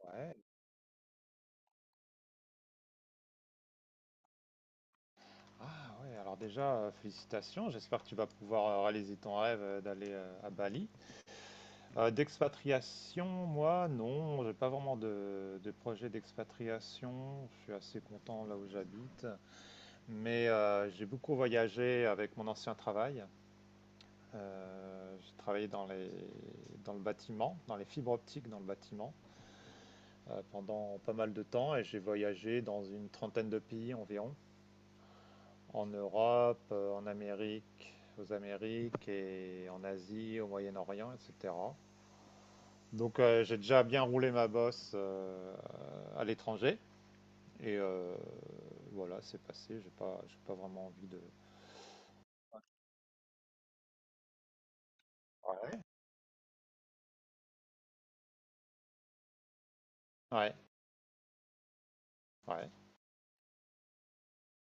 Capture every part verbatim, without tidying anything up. Ouais. Ah ouais, alors déjà, euh, félicitations. J'espère que tu vas pouvoir euh, réaliser ton rêve euh, d'aller euh, à Bali. Euh, d'expatriation, moi, non, j'ai pas vraiment de, de projet d'expatriation. Je suis assez content là où j'habite. Mais euh, j'ai beaucoup voyagé avec mon ancien travail. Euh, j'ai travaillé dans les, dans le bâtiment, dans les fibres optiques dans le bâtiment, euh, pendant pas mal de temps et j'ai voyagé dans une trentaine de pays environ. En Europe, euh, en Amérique, aux Amériques et en Asie, au Moyen-Orient, et cetera. Donc euh, j'ai déjà bien roulé ma bosse euh, à l'étranger et euh, voilà, c'est passé. J'ai pas, j'ai pas vraiment envie de. Ouais, ouais, ouais.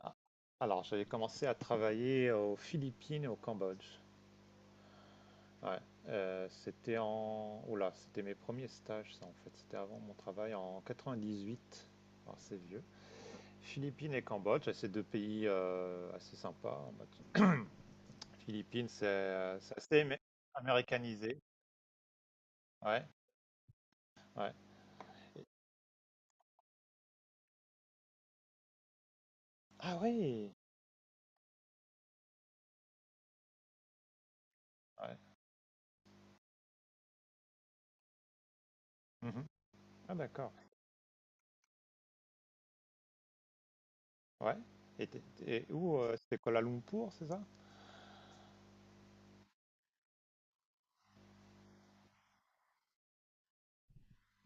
Ah. Alors j'avais commencé à travailler aux Philippines et au Cambodge. Ouais. Euh, c'était en. Oula, c'était mes premiers stages, ça en fait. C'était avant mon travail en quatre-vingt-dix-huit. Alors c'est vieux. Philippines et Cambodge, c'est deux pays, heu, assez sympas. Bah, tu Philippines, c'est, heu, c'est assez amé américanisé. Ouais, ouais et ah oui! Ouais. Mmh. Ah d'accord. Ouais et tu es où, heu, c'était Kuala Lumpur, c'est ça?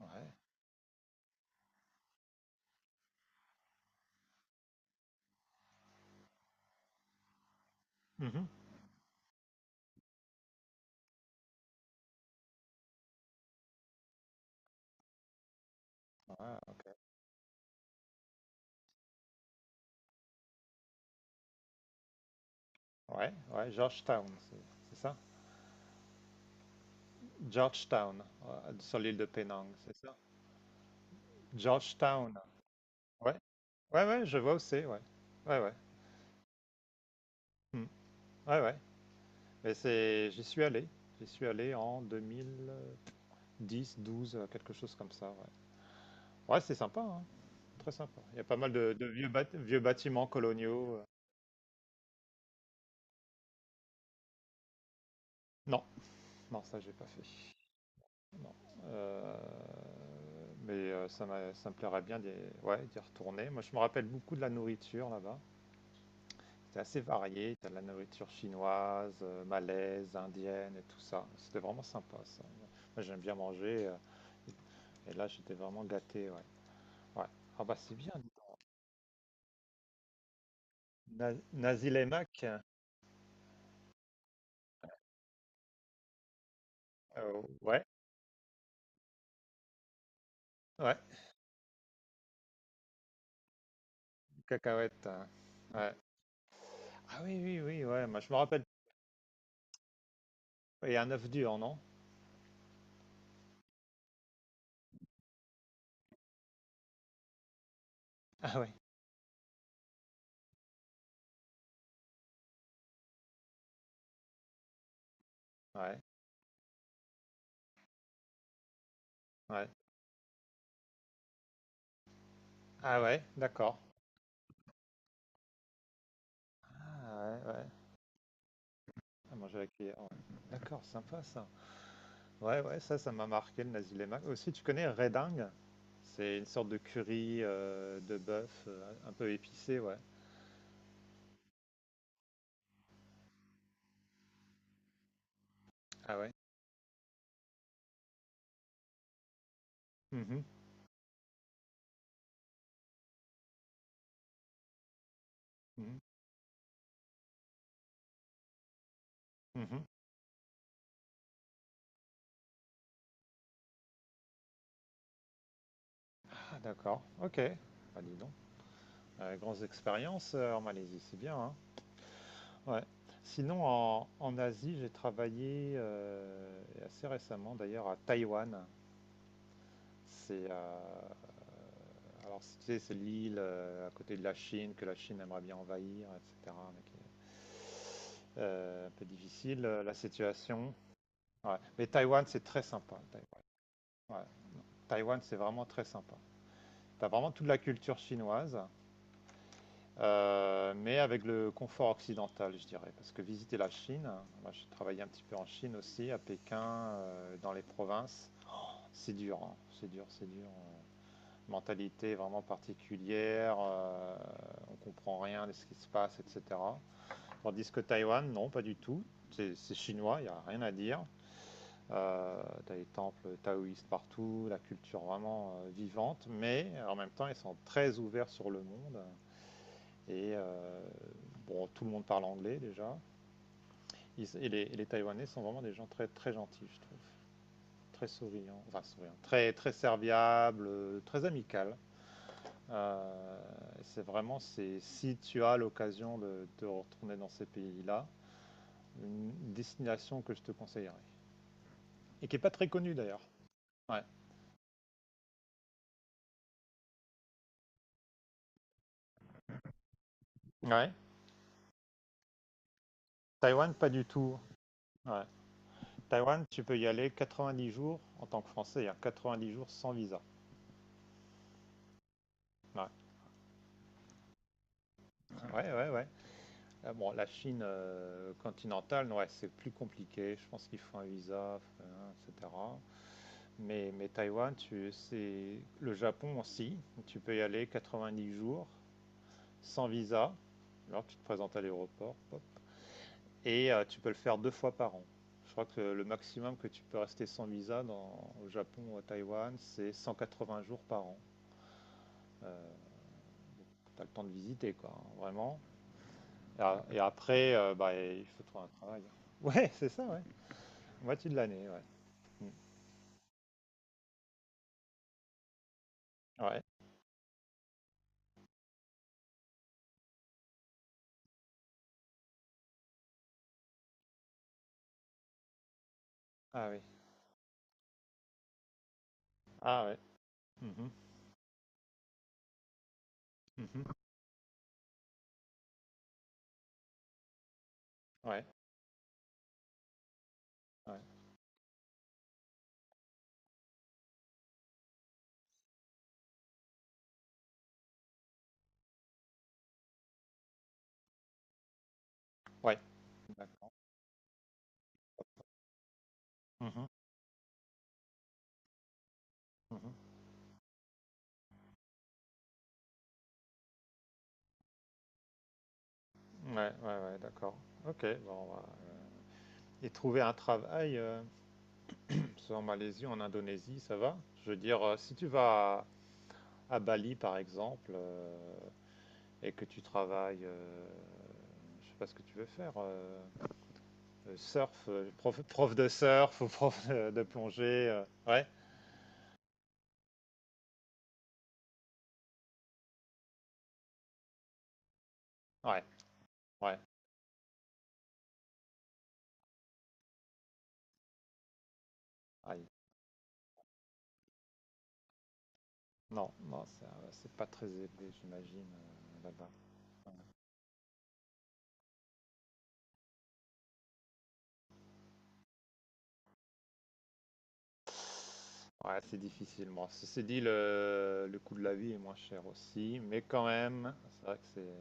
Ouais. Mmh. Ouais, OK. Ouais, ouais, Georgetown, c'est c'est ça? Georgetown, heu, sur l'île de Penang, c'est ça? Georgetown, ouais. Ouais, ouais, je vois où c'est, ouais. Ouais, ouais. Mmh. Ouais, ouais. Mais c'est j'y suis allé. J'y suis allé en deux mille, euh, dix douze euh, quelque chose comme ça. Ouais, ouais c'est sympa, hein, très sympa. Il y a pas mal de, de vieux, bat- vieux bâtiments coloniaux. euh. Non, non, ça j'ai pas fait. Non. Euh, mais euh, ça, m'a- ça me plairait bien d'y ouais, d'y retourner. Moi, je me rappelle beaucoup de la nourriture là-bas. C'était assez varié. T'as de la nourriture chinoise, euh, malaise, indienne et tout ça. C'était vraiment sympa, ça. Moi, j'aime bien manger, euh, et là, j'étais vraiment gâté, ouais. Ouais. Ah bah, c'est bien, dis donc. Na- Nazi Lemak, euh, ouais. Ouais, cacahuètes, euh, ouais. Ah oui, oui, oui, ouais, moi je me rappelle. Et un œuf dur, non? Ah ouais, ouais, ouais. Ah ouais, d'accord. Ah ouais, ouais. À manger à la cuillère, ouais. D'accord, sympa ça. Ouais, ouais, ça, ça m'a marqué le nasi lemak. Aussi, tu connais redingue? C'est une sorte de curry euh, de bœuf euh, un peu épicé, ouais. Ah ouais. Mhm, mhm, mhm. Ah d'accord, ok. Bah dis donc. Euh, grandes expériences euh, en Malaisie, c'est bien, hein? Ouais. Sinon, en, en Asie, j'ai travaillé euh, assez récemment d'ailleurs à Taïwan. C'est euh, alors c'est- tu sais, c'est l'île euh, à côté de la Chine que la Chine aimerait bien envahir, et cetera mais qui est, euh, un peu difficile euh, la situation. Ouais. Mais Taïwan, c'est très sympa. Taïwan, Ouais. Taïwan, c'est vraiment très sympa. T'as vraiment toute la culture chinoise. Euh, mais avec le confort occidental, je dirais. Parce que visiter la Chine, moi j'ai travaillé un petit peu en Chine aussi, à Pékin, euh, dans les provinces, c'est dur, hein. c'est dur, c'est dur. Euh, Mentalité vraiment particulière, euh, on comprend rien de ce qui se passe, et cetera. Tandis que Taïwan, non, pas du tout. C'est c'est chinois, il n'y a rien à dire. Euh, t'as les temples taoïstes partout, la culture vraiment euh, vivante, mais en même temps ils sont très ouverts sur le monde. Et euh, bon, tout le monde parle anglais déjà. Ils- et, les, et les Taïwanais sont vraiment des gens très, très gentils, je trouve. Très souriants, enfin souriants, très, très serviables, euh, très amicales. Euh, c'est vraiment, c'est, si tu as l'occasion de te retourner dans ces pays-là, une destination que je te conseillerais. Et qui n'est pas très connue d'ailleurs. Ouais. Ouais. Taïwan, pas du tout. Ouais. Taïwan, tu peux y aller quatre-vingt-dix jours en tant que Français, hein, quatre-vingt-dix jours sans visa. Ouais, ouais, ouais, ouais. Ah bon, la Chine euh, continentale, ouais, c'est plus compliqué. Je pense qu'il faut un visa, faut un- et cetera. Mais, mais Taïwan, tu, c'est le Japon aussi. Tu peux y aller quatre-vingt-dix jours sans visa. Alors tu te présentes à l'aéroport, pop, et euh, tu peux le faire deux fois par an. Je crois que le maximum que tu peux rester sans visa dans, au Japon ou à Taïwan, c'est vingts jours par an. Euh, t'as le temps de visiter, quoi, hein, vraiment. Et, a- et après, euh, bah, il faut trouver un travail. Ouais, c'est ça, ouais. Moitié de l'année, ouais. Mm. Ouais. Ah oui. Ah ouais. Mhm. Mhm. Ouais. Ouais. Ouais. D'accord. Mhm. Mhm. Ouais, ouais, ouais, d'accord. Ok, bon, bah, ouais. Et trouver un travail, euh, soit en Malaisie, en Indonésie, ça va? Je veux dire, euh, si tu vas à, à Bali, par exemple, euh, et que tu travailles, euh, je sais pas ce que tu veux faire, euh, euh, surf, euh, prof, prof de surf ou prof de, de plongée, euh, ouais, ouais, ouais. Ah, non, non, ça, c'est pas très élevé, j'imagine, euh, là-bas. Ouais, c'est difficile. Bon, ceci dit, le, le coût de la vie est moins cher aussi, mais quand même, c'est vrai que c'est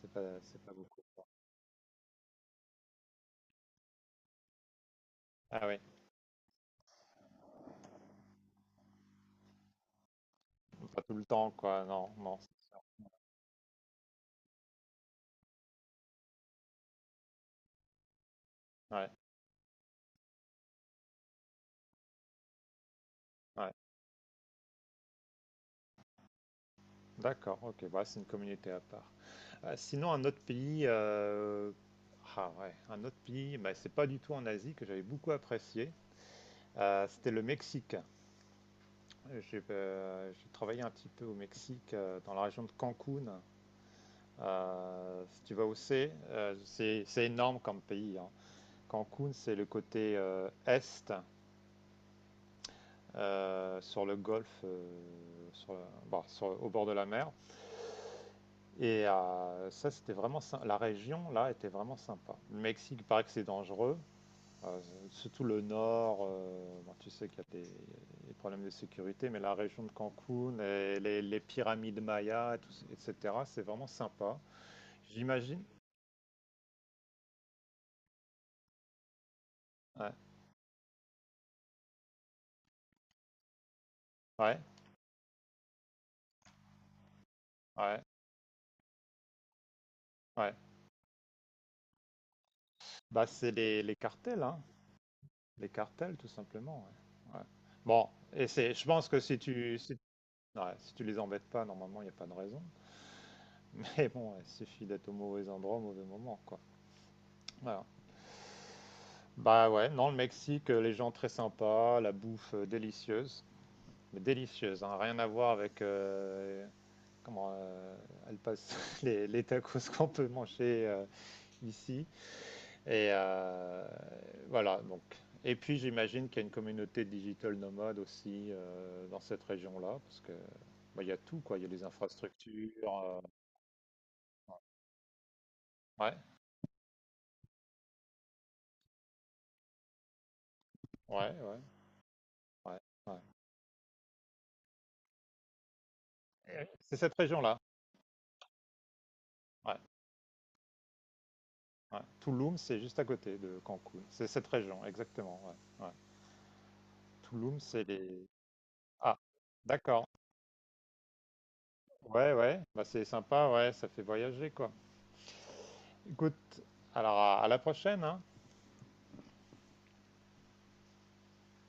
c'est pas, c'est pas beaucoup. Ah oui, pas tout le temps, quoi. Non, non. Ouais, ouais. D'accord, ok, bah, c'est une communauté à part. Euh, sinon, un autre pays, euh, ah ouais, un autre pays, bah, c'est pas du tout en Asie que j'avais beaucoup apprécié. Euh, c'était le Mexique. Euh, J'ai euh, j'ai travaillé un petit peu au Mexique, euh, dans la région de Cancun. Euh, si tu vas où c'est, euh, c'est c'est énorme comme pays, hein. Cancun, c'est le côté euh, est, euh, sur le golfe, euh, sur, le- bon, sur- au bord de la mer. Et euh, ça, c'était vraiment sy- la région là était vraiment sympa. Le Mexique, il paraît que c'est dangereux. Euh, surtout le nord, euh, bon, tu sais qu'il y a des, des problèmes de sécurité, mais la région de Cancun et les, les pyramides mayas, et tout, et cetera, c'est vraiment sympa. J'imagine. Ouais, ouais, ouais, ouais. Bah, c'est les, les cartels, hein. Les cartels, tout simplement. Ouais, ouais. Bon, et c'est, je pense que si tu, si, ouais, si tu les embêtes pas, normalement, il n'y a pas de raison. Mais bon, ouais, il suffit d'être au mauvais endroit, au mauvais moment, quoi. Voilà. Bah ouais, non, le Mexique, euh, les gens très sympas, la bouffe euh, délicieuse, mais délicieuse, hein, rien à voir avec euh, comment euh, elle passe les, les tacos qu'on peut manger euh, ici. Et euh, voilà, donc. Et puis j'imagine qu'il y a une communauté digital nomade aussi euh, dans cette région-là, parce que bah, il y a tout, quoi. Il y a les infrastructures. euh, ouais, ouais, ouais, ouais, ouais. Et c'est cette région-là. Ouais, ouais. Tulum, c'est juste à côté de Cancun. C'est cette région, exactement. Ouais, ouais. Tulum, c'est les. Ah, d'accord. Ouais, ouais, bah c'est sympa, ouais, ça fait voyager quoi. Écoute, alors à, à la prochaine, hein.